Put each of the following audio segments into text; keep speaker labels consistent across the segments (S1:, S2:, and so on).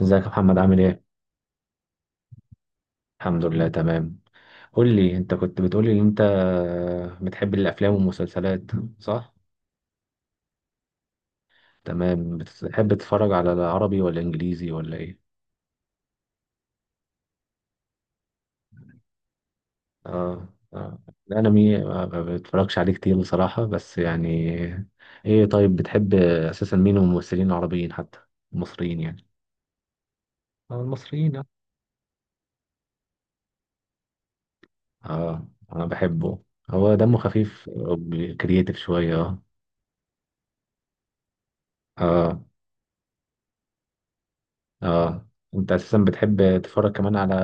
S1: ازيك يا محمد عامل ايه؟ الحمد لله تمام. قول لي، انت كنت بتقولي ان انت بتحب الافلام والمسلسلات، صح؟ تمام. بتحب تتفرج على العربي ولا انجليزي ولا ايه؟ اه، الانمي ما بتفرجش عليه كتير بصراحة، بس يعني ايه. طيب بتحب اساسا مين من الممثلين العربيين، حتى المصريين يعني. اه، المصريين، اه. اه انا بحبه، هو دمه خفيف وكرييتيف شوية. اه اه اه. انت اساسا بتحب تتفرج كمان على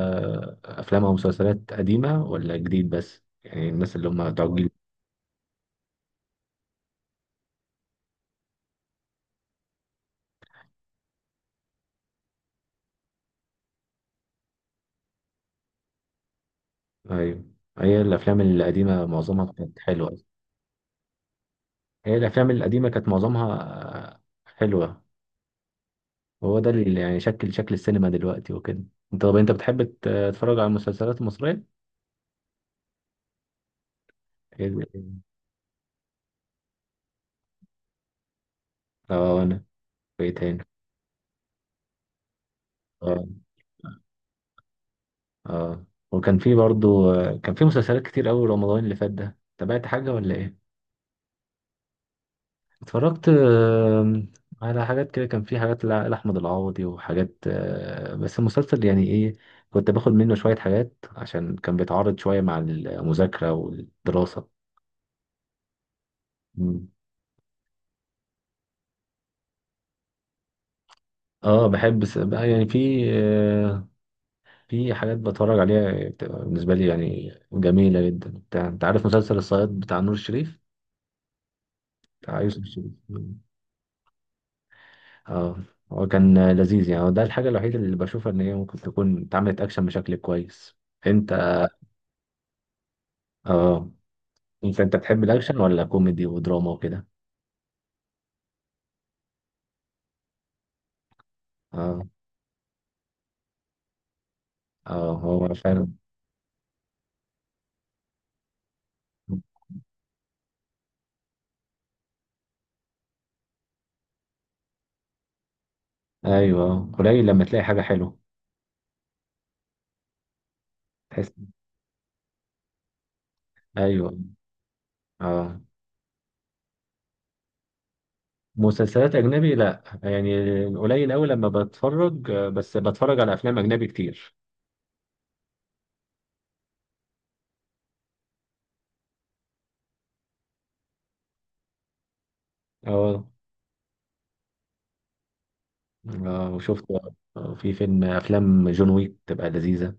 S1: افلام او مسلسلات قديمه ولا جديد، بس يعني الناس اللي هم بتوع الجيل. ايوه، هي الافلام القديمه معظمها كانت حلوه. هي الافلام القديمه كانت معظمها حلوه. وهو ده اللي يعني شكل السينما دلوقتي وكده. طب انت بتحب تتفرج على المسلسلات المصريه؟ إيه- اه انا. في إيه تاني؟ اه اه. وكان في برضو كان في مسلسلات كتير قوي رمضان اللي فات ده، تابعت حاجه ولا ايه؟ اتفرجت على حاجات كده، كان في حاجات لأحمد العوضي وحاجات بس المسلسل يعني ايه، كنت باخد منه شوية حاجات عشان كان بيتعارض شوية مع المذاكرة والدراسة. مم. اه بحب بقى يعني في في حاجات بتفرج عليها بتبقى بالنسبة لي يعني جميلة جدا. انت عارف مسلسل الصياد بتاع نور الشريف، بتاع يوسف الشريف. مم. اه هو كان لذيذ يعني، هو ده الحاجة الوحيدة اللي بشوفها ان هي ممكن تكون اتعملت اكشن بشكل كويس. انت، اه، انت بتحب الاكشن ولا كوميدي ودراما وكده؟ اه. اه هو فعلا. ايوه، قليل لما تلاقي حاجه حلوه. تحس. ايوه، اه. مسلسلات اجنبي لا يعني قليل قوي لما بتفرج، بس بتفرج على افلام اجنبي كتير. اه اه. وشفت في فيلم، افلام جون ويك تبقى لذيذه.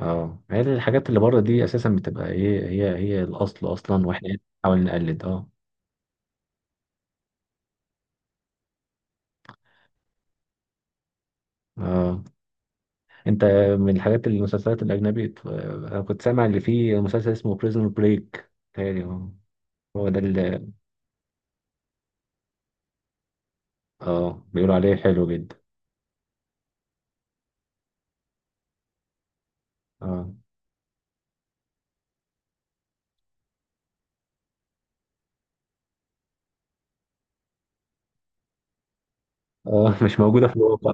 S1: اه، هي الحاجات اللي بره دي اساسا بتبقى ايه، هي الاصل اصلا، واحنا بنحاول نقلد، اه. اه انت، من الحاجات المسلسلات الاجنبي، انا كنت سامع اللي فيه مسلسل اسمه بريزون بريك، تهيألي هو ده اللي. اه بيقولوا عليه حلو جدا. اه اه، مش موجوده في الواقع.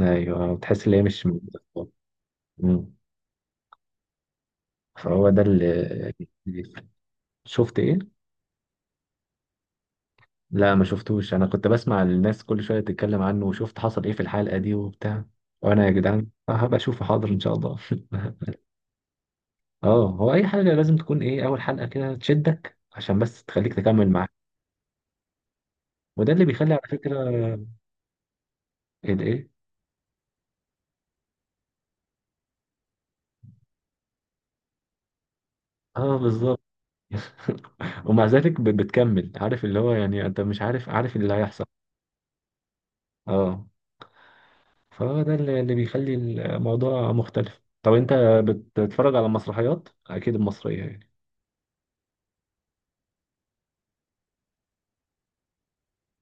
S1: ايوه بتحس ان هي مش موجوده في الواقع. مم. فهو ده اللي بيفرق. شفت ايه؟ لا ما شفتوش، انا كنت بسمع الناس كل شويه تتكلم عنه، وشفت حصل ايه في الحلقه دي وبتاع. وانا يا جدعان هبقى اشوفه، حاضر ان شاء الله. اه هو اي حاجه لازم تكون ايه، اول حلقه كده تشدك عشان بس تخليك تكمل معاها. وده اللي بيخلي على فكرة الايه. اه بالظبط. ومع ذلك بتكمل، عارف اللي هو يعني انت مش عارف، عارف اللي هيحصل. اه، فده اللي بيخلي الموضوع مختلف. طب انت بتتفرج على مسرحيات اكيد المصرية يعني.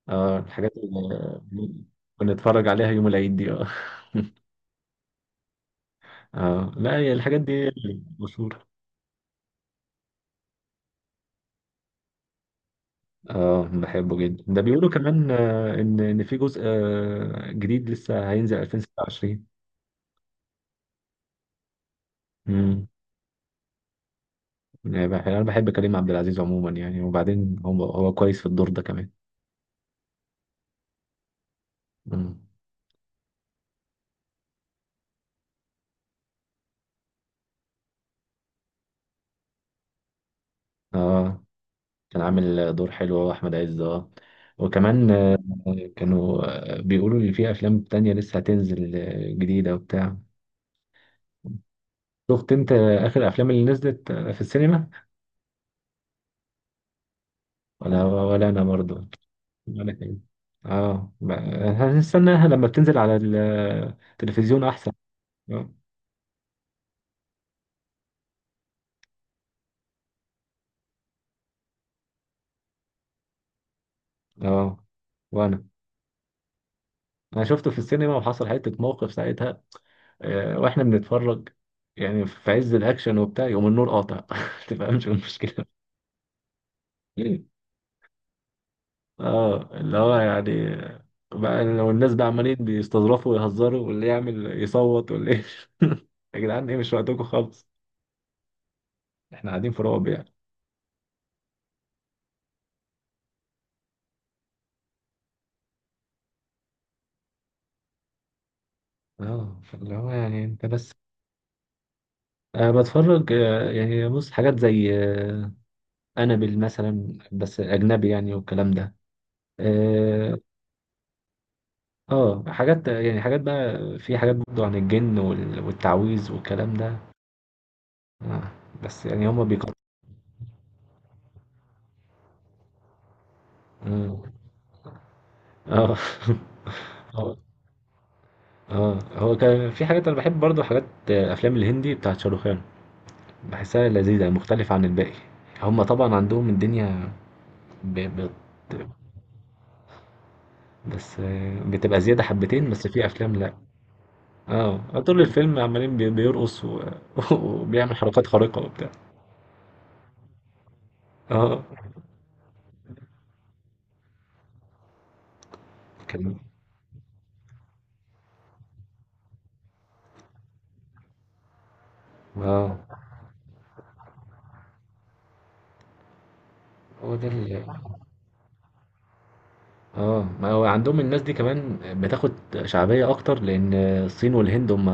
S1: اه الحاجات اللي بنتفرج عليها يوم العيد دي، اه. اه لا هي الحاجات دي مشهورة. اه بحبه جدا ده، بيقولوا كمان ان في جزء جديد لسه هينزل 2026. امم يعني انا بحب كريم عبد العزيز عموما يعني، وبعدين هو كويس في الدور ده كمان. مم. اه كان عامل دور حلو هو، احمد عز، اه. وكمان كانوا بيقولوا لي في افلام تانية لسه هتنزل جديدة وبتاع. شفت انت اخر الافلام اللي نزلت في السينما؟ ولا، ولا انا برضو ولا كده. اه هنستناها لما بتنزل على التلفزيون احسن. اه. آه. وانا، انا شفته في السينما وحصل حتة موقف ساعتها، واحنا بنتفرج يعني في عز الاكشن وبتاع، يقوم النور قاطع. ما تفهمش إيه المشكله. اه اللي هو يعني بقى لو الناس بقى عمالين بيستظرفوا ويهزروا، واللي يعمل يصوت واللي يا جدعان ايه، مش وقتكم خالص، احنا قاعدين في رعب يعني. اه فاللي هو يعني انت بس. أه بتفرج، يعني بص حاجات زي أنابل مثلا، بس أجنبي يعني والكلام ده. آه، اه حاجات يعني، حاجات بقى، في حاجات برضه عن الجن والتعويذ والكلام ده. آه. بس يعني هما بيقطعوا. اه. اه اه هو كان في حاجات انا بحب برضه، حاجات افلام الهندي بتاعت شاروخان، بحسها لذيذة مختلفة عن الباقي. هما طبعا عندهم الدنيا ب... ب... بس بتبقى زيادة حبتين، بس في افلام لا. اه طول الفيلم عمالين بيرقص و... وبيعمل حركات خارقة وبتاع. اه. كان اه هو ده. اه ما هو عندهم الناس دي كمان بتاخد شعبية أكتر، لأن الصين والهند هم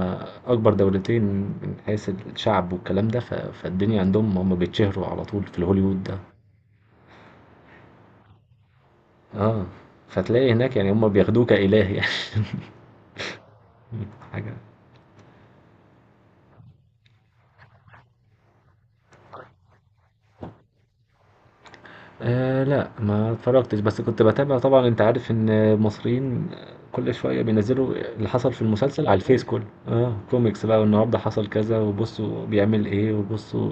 S1: أكبر دولتين من حيث الشعب والكلام ده، فالدنيا عندهم هم بيتشهروا على طول في الهوليوود ده. اه فتلاقي هناك يعني هم بياخدوه كإله يعني. حاجة. آه لا ما اتفرجتش، بس كنت بتابع طبعا، انت عارف ان المصريين كل شوية بينزلوا اللي حصل في المسلسل على الفيس، كله اه كوميكس بقى، والنهاردة حصل كذا وبصوا بيعمل ايه وبصوا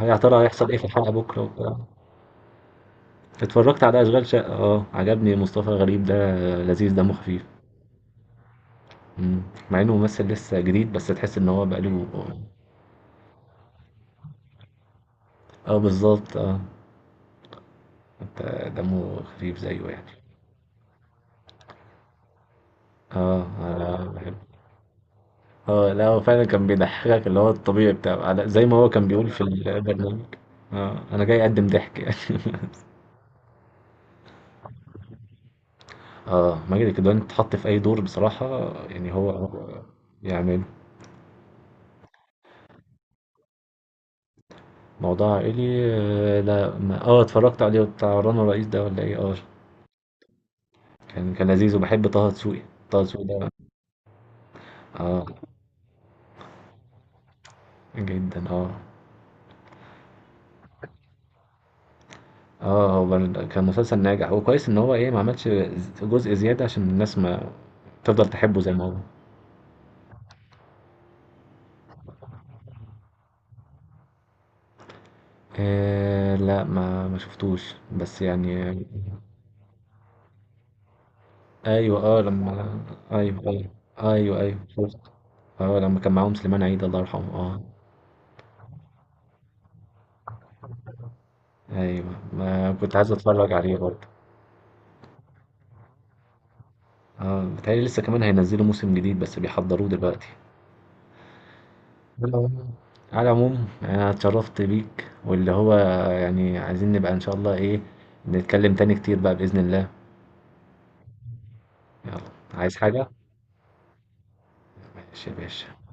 S1: يا ترى هيحصل ايه في الحلقة بكرة وبتاع. اتفرجت على أشغال شقة، اه عجبني مصطفى غريب ده، لذيذ دمه خفيف. مم. مع انه ممثل لسه جديد، بس تحس ان هو بقاله اه. آه، بالظبط، اه. انت، دمه خفيف زيه يعني. اه انا بحب. اه لا هو فعلا كان بيضحكك، اللي هو الطبيعي بتاعه، زي ما هو كان بيقول في البرنامج اه انا جاي اقدم ضحك يعني. اه ماجد الكدواني اتحط في اي دور بصراحة يعني، هو يعمل. موضوع عائلي. آه، لا ما- اه اتفرجت عليه، بتاع رنا رئيس ده ولا ايه؟ اه. كان لذيذ، وباحب طه دسوقي. طه دسوقي ده، اه، جدا، اه. اه هو كان مسلسل ناجح، وكويس ان هو ايه، ما عملش جزء زيادة عشان الناس ما تفضل تحبه زي ما هو. آه لا ما شفتوش بس يعني. ايوه اه لما. ايوه. ايوه شفت. اه لما كان معاهم سليمان عيد الله يرحمه، اه. ايوه ما كنت عايز اتفرج عليه برضه. اه بتهيألي لسه كمان هينزلوا موسم جديد بس بيحضروه دلوقتي. على العموم على العموم، انا اتشرفت بيك، واللي هو يعني عايزين نبقى ان شاء الله ايه نتكلم تاني كتير بقى بإذن الله. يلا. عايز حاجة؟ ماشي يا باشا.